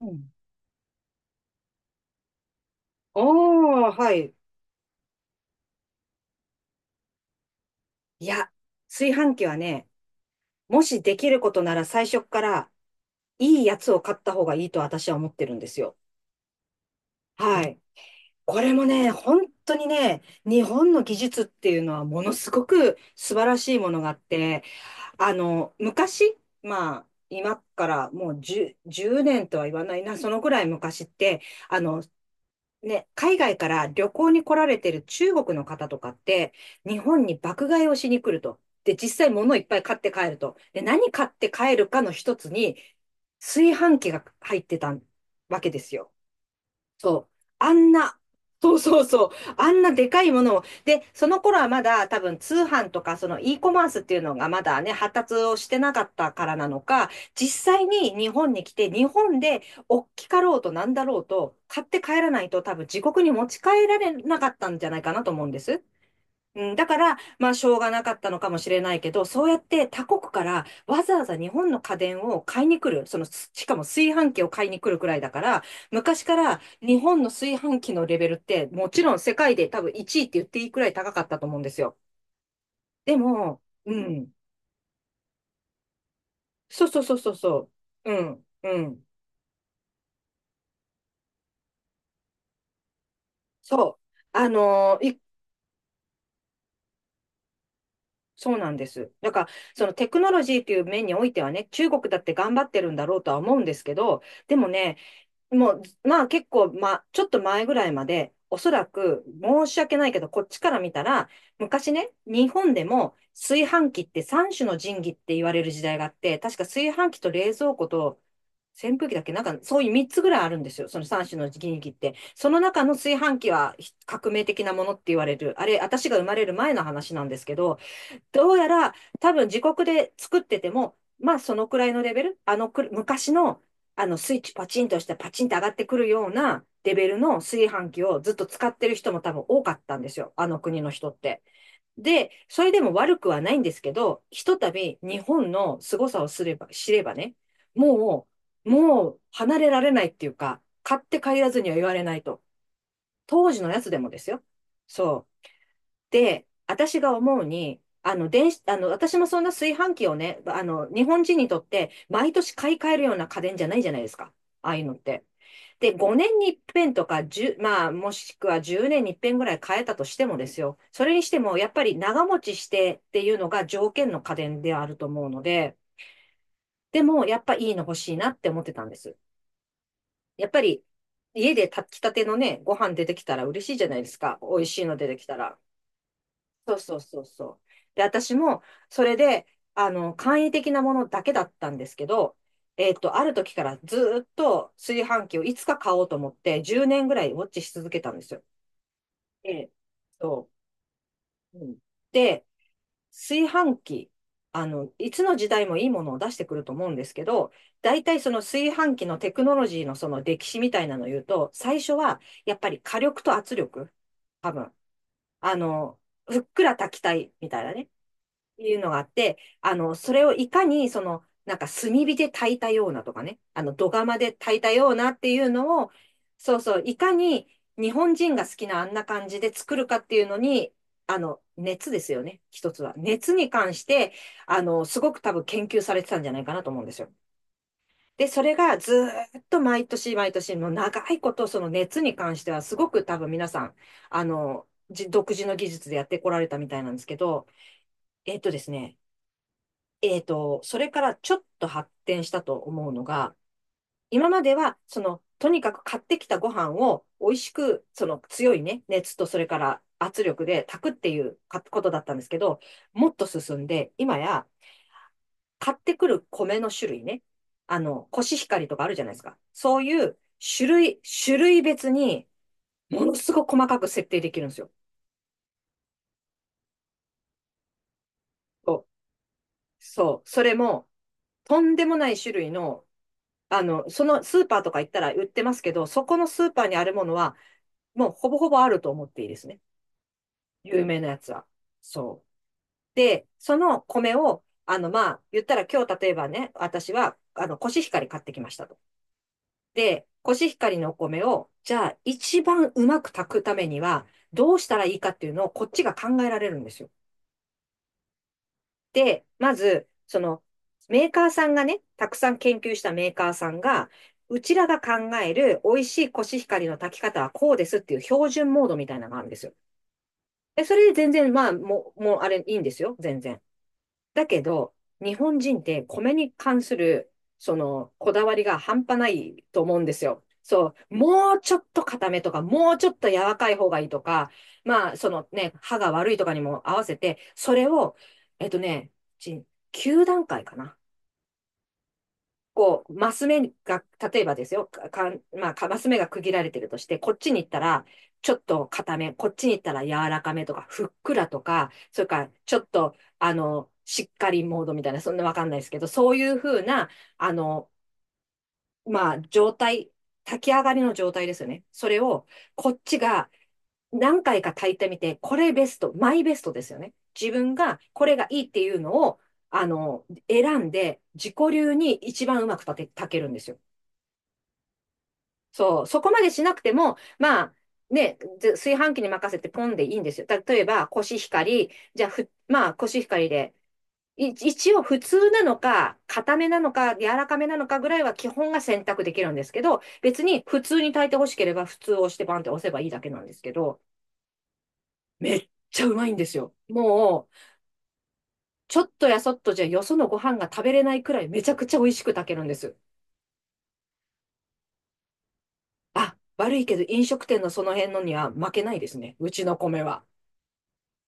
うん。おー、はい。いや、炊飯器はね、もしできることなら最初っからいいやつを買った方がいいと私は思ってるんですよ。はい。これもね、本当にね、日本の技術っていうのはものすごく素晴らしいものがあって、昔、まあ、今からもう10年とは言わないな、そのぐらい昔って、あの、ね、海外から旅行に来られてる中国の方とかって、日本に爆買いをしに来ると。で、実際物いっぱい買って帰ると。で、何買って帰るかの一つに、炊飯器が入ってたわけですよ。そう。あんな、そうそうそう。あんなでかいものを。で、その頃はまだ多分通販とかその e コマースっていうのがまだね、発達をしてなかったからなのか、実際に日本に来て、日本で大きかろうとなんだろうと、買って帰らないと多分自国に持ち帰られなかったんじゃないかなと思うんです。うん、だから、まあ、しょうがなかったのかもしれないけど、そうやって他国からわざわざ日本の家電を買いに来る、しかも炊飯器を買いに来るくらいだから、昔から日本の炊飯器のレベルって、もちろん世界で多分1位って言っていいくらい高かったと思うんですよ。でも、うん、そうそうそうそうそう、うん、うん、そう、あのーいそうなんです。だから、そのテクノロジーという面においてはね、中国だって頑張ってるんだろうとは思うんですけど、でもね、もう、まあ結構、まあ、ちょっと前ぐらいまで、おそらく、申し訳ないけど、こっちから見たら、昔ね、日本でも炊飯器って三種の神器って言われる時代があって、確か炊飯器と冷蔵庫と扇風機だっけ、なんかそういう三つぐらいあるんですよ。その三種の神器って。その中の炊飯器は革命的なものって言われる。あれ、私が生まれる前の話なんですけど、どうやら多分自国で作ってても、まあそのくらいのレベル、あのく昔のスイッチパチンとしてパチンと上がってくるようなレベルの炊飯器をずっと使ってる人も多分多かったんですよ、あの国の人って。で、それでも悪くはないんですけど、ひとたび日本の凄さをすれば、知ればね、ももう離れられないっていうか、買って帰らずには言われないと。当時のやつでもですよ。そう。で、私が思うに、あの、電子、あの、私もそんな炊飯器をね、日本人にとって毎年買い替えるような家電じゃないじゃないですか。ああいうのって。で、5年に一遍とか、1まあ、もしくは10年に一遍ぐらい変えたとしてもですよ。それにしても、やっぱり長持ちしてっていうのが条件の家電であると思うので、でも、やっぱいいの欲しいなって思ってたんです。やっぱり、家で炊きたてのね、ご飯出てきたら嬉しいじゃないですか。美味しいの出てきたら。そうそうそうそう。で、私も、それで、簡易的なものだけだったんですけど、ある時からずーっと炊飯器をいつか買おうと思って、10年ぐらいウォッチし続けたんですよ。ええ、そう。うんで、炊飯器、いつの時代もいいものを出してくると思うんですけど、大体その炊飯器のテクノロジーのその歴史みたいなのを言うと、最初はやっぱり火力と圧力、多分、あの、ふっくら炊きたいみたいなね。いうのがあって、それをいかに、その、なんか炭火で炊いたようなとかね、土釜で炊いたようなっていうのを、そうそう、いかに日本人が好きなあんな感じで作るかっていうのに、熱ですよね、一つは。熱に関して、すごく多分研究されてたんじゃないかなと思うんですよ。で、それがずーっと毎年毎年、もう長いこと、その熱に関しては、すごく多分皆さん、独自の技術でやってこられたみたいなんですけど、えっとですね、えっと、それからちょっと発展したと思うのが、今までは、その、とにかく買ってきたご飯を美味しく、その強いね、熱とそれから圧力で炊くっていうかことだったんですけど、もっと進んで、今や買ってくる米の種類ね、コシヒカリとかあるじゃないですか。そういう種類別にものすごく細かく設定できるんですよ。そう、そうそれも、とんでもない種類のそのスーパーとか行ったら売ってますけど、そこのスーパーにあるものは、もうほぼほぼあると思っていいですね。有名なやつは。そう。で、その米を、まあ、言ったら今日例えばね、私は、コシヒカリ買ってきましたと。で、コシヒカリのお米を、じゃあ、一番うまく炊くためには、どうしたらいいかっていうのを、こっちが考えられるんですよ。で、まず、その、メーカーさんがね、たくさん研究したメーカーさんが、うちらが考える美味しいコシヒカリの炊き方はこうですっていう標準モードみたいなのがあるんですよ。で、それで全然、まあ、もうあれいいんですよ。全然。だけど、日本人って米に関する、その、こだわりが半端ないと思うんですよ。そう、もうちょっと固めとか、もうちょっと柔らかい方がいいとか、まあ、そのね、歯が悪いとかにも合わせて、それを、えっとね、いち9段階かな。こう、マス目が、例えばですよ、か、かんまあ、かマス目が区切られてるとして、こっちに行ったら、ちょっと硬め、こっちに行ったら柔らかめとか、ふっくらとか、それからちょっと、しっかりモードみたいな、そんなわかんないですけど、そういうふうな、あの、まあ、炊き上がりの状態ですよね。それを、こっちが何回か炊いてみて、これベスト、マイベストですよね。自分がこれがいいっていうのを、選んで、自己流に一番うまく炊けるんですよ。そう、そこまでしなくても、まあ、ね、ず炊飯器に任せてポンでいいんですよ。例えば、コシヒカリ、じゃあ、ふ、まあ、コシヒカリで、一応普通なのか、硬めなのか、柔らかめなのかぐらいは基本が選択できるんですけど、別に普通に炊いて欲しければ普通を押してバンって押せばいいだけなんですけど、めっちゃうまいんですよ。もう、ちょっとやそっとじゃよそのご飯が食べれないくらいめちゃくちゃ美味しく炊けるんです。あ、悪いけど飲食店のその辺のには負けないですね。うちの米は。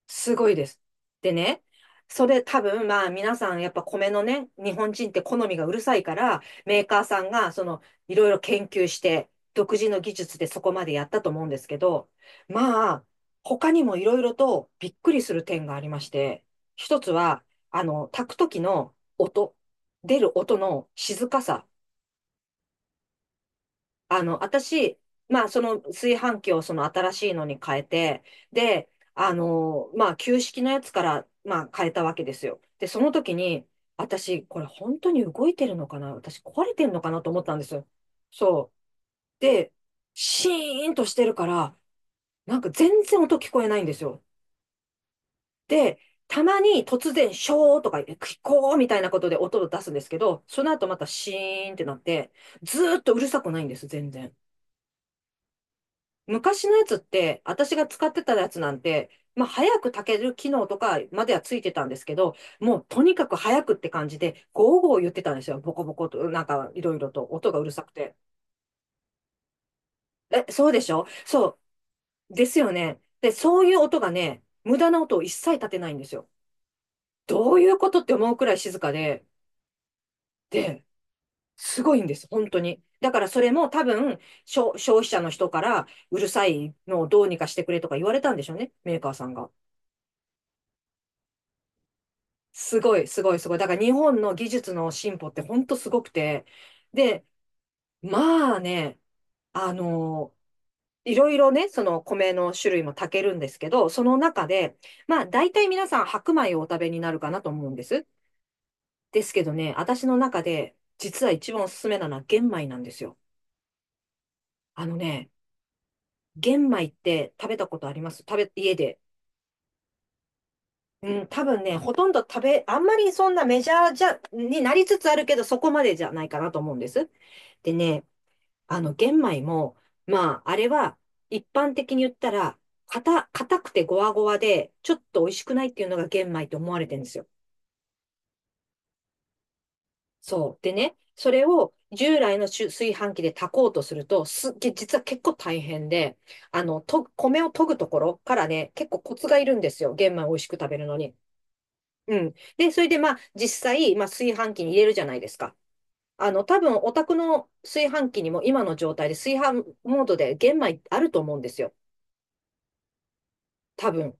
すごいです。で、ね、それ多分、まあ皆さんやっぱ米のね、日本人って好みがうるさいから、メーカーさんがそのいろいろ研究して、独自の技術でそこまでやったと思うんですけど、まあ、他にもいろいろとびっくりする点がありまして、一つは、炊く時の音、出る音の静かさ。私、まあ、その炊飯器をその新しいのに変えて、で、まあ、旧式のやつから、まあ、変えたわけですよ。で、その時に、私、これ本当に動いてるのかな、私、壊れてんのかなと思ったんですよ。そう。で、シーンとしてるから、なんか全然音聞こえないんですよ。で、たまに突然、ショーとか、聞こうみたいなことで音を出すんですけど、その後またシーンってなって、ずーっとうるさくないんです、全然。昔のやつって、私が使ってたやつなんて、まあ、早く炊ける機能とかまではついてたんですけど、もうとにかく早くって感じで、ゴーゴー言ってたんですよ。ボコボコと、なんかいろいろと音がうるさくて。え、そうでしょそう。ですよね。で、そういう音がね、無駄な音を一切立てないんですよ。どういうことって思うくらい静かで、で、すごいんです、本当に。だからそれも多分、消費者の人からうるさいのをどうにかしてくれとか言われたんでしょうね、メーカーさんが。すごい、すごい、すごい。だから日本の技術の進歩って本当すごくて。で、まあね、あの、いろいろね、その米の種類も炊けるんですけど、その中で、まあ大体皆さん白米をお食べになるかなと思うんです。ですけどね、私の中で実は一番おすすめなのは玄米なんですよ。あのね、玄米って食べたことあります、家で。うん、多分ね、ほとんど食べ、あんまりそんなメジャーじゃ、になりつつあるけど、そこまでじゃないかなと思うんです。でね、玄米も、まあ、あれは、一般的に言ったら、硬くてゴワゴワで、ちょっと美味しくないっていうのが玄米と思われてるんですよ。そう。でね、それを従来の炊飯器で炊こうとすると、すっげ、実は結構大変で、米を研ぐところからね、結構コツがいるんですよ。玄米を美味しく食べるのに。うん。で、それでまあ、実際、まあ、炊飯器に入れるじゃないですか。多分、お宅の炊飯器にも今の状態で炊飯モードで玄米あると思うんですよ。多分。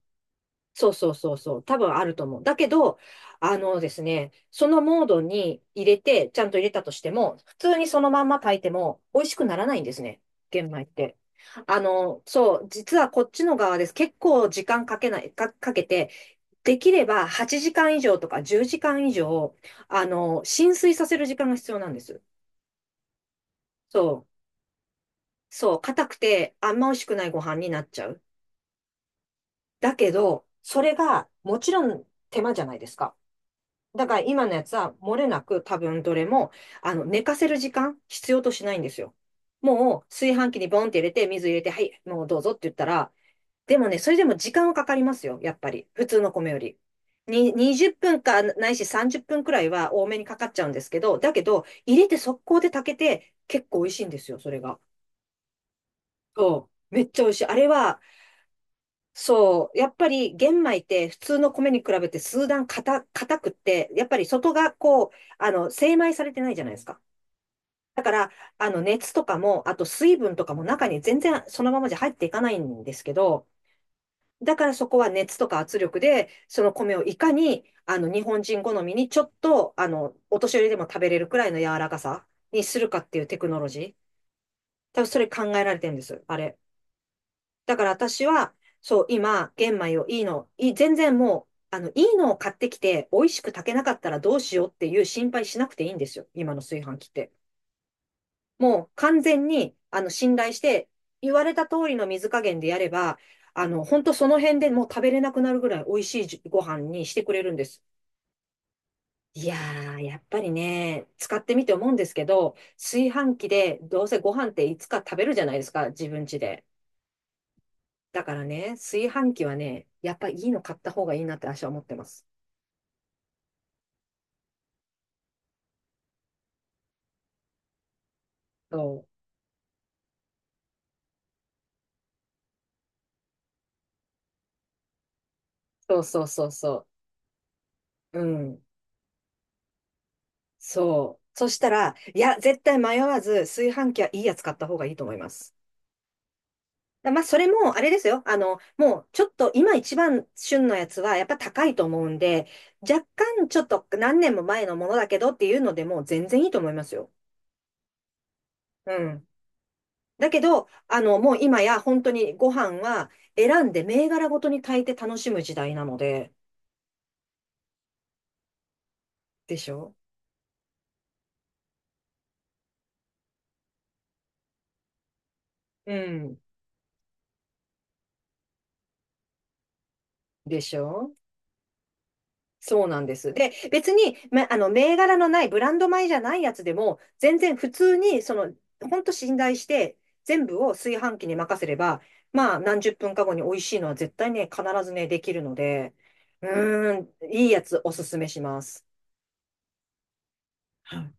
そうそうそうそう。多分あると思う。だけど、あのですね、そのモードに入れて、ちゃんと入れたとしても、普通にそのまんま炊いても美味しくならないんですね。玄米って。あの、そう、実はこっちの側です。結構時間かけない、か、かけて、できれば8時間以上とか10時間以上、あの、浸水させる時間が必要なんです。そう、そう、硬くてあんま美味しくないご飯になっちゃう。だけど、それがもちろん手間じゃないですか。だから今のやつは漏れなく多分どれも、あの、寝かせる時間必要としないんですよ。もう炊飯器にボンって入れて、水入れて、はい、もうどうぞって言ったら、でもね、それでも時間はかかりますよ、やっぱり。普通の米より。に、20分かないし30分くらいは多めにかかっちゃうんですけど、だけど、入れて速攻で炊けて、結構美味しいんですよ、それが。そう。めっちゃ美味しい。あれは、そう、やっぱり玄米って普通の米に比べて数段硬くって、やっぱり外がこう、あの、精米されてないじゃないですか。だから、あの、熱とかも、あと水分とかも中に全然そのままじゃ入っていかないんですけど、だからそこは熱とか圧力で、その米をいかに、あの、日本人好みにちょっと、あの、お年寄りでも食べれるくらいの柔らかさにするかっていうテクノロジー。多分それ考えられてるんです、あれ。だから私は、そう、今、玄米をいいの、い全然もう、あの、いいのを買ってきて、美味しく炊けなかったらどうしようっていう心配しなくていいんですよ。今の炊飯器って。もう完全に、あの、信頼して、言われた通りの水加減でやれば、あの、本当その辺でもう食べれなくなるぐらい美味しいご飯にしてくれるんです。いやー、やっぱりね、使ってみて思うんですけど、炊飯器でどうせご飯っていつか食べるじゃないですか、自分家で。だからね、炊飯器はね、やっぱいいの買った方がいいなって私は思ってます。そう。そうそうそうそう。うん。そう。そしたら、いや、絶対迷わず炊飯器はいいやつ買った方がいいと思います。だまあ、それも、あれですよ。あの、もう、ちょっと、今一番旬のやつは、やっぱ高いと思うんで、若干、ちょっと、何年も前のものだけどっていうのでも、全然いいと思いますよ。うん。だけど、あの、もう今や、本当にご飯は、選んで、銘柄ごとに炊いて楽しむ時代なので、でしょうん。でしょそうなんです。で、別に、ま、あの、銘柄のない、ブランド米じゃないやつでも、全然普通に、その、ほんと信頼して、全部を炊飯器に任せれば、まあ、何十分か後に美味しいのは絶対ね、必ずね、できるので、うーん、いいやつおすすめします。はい。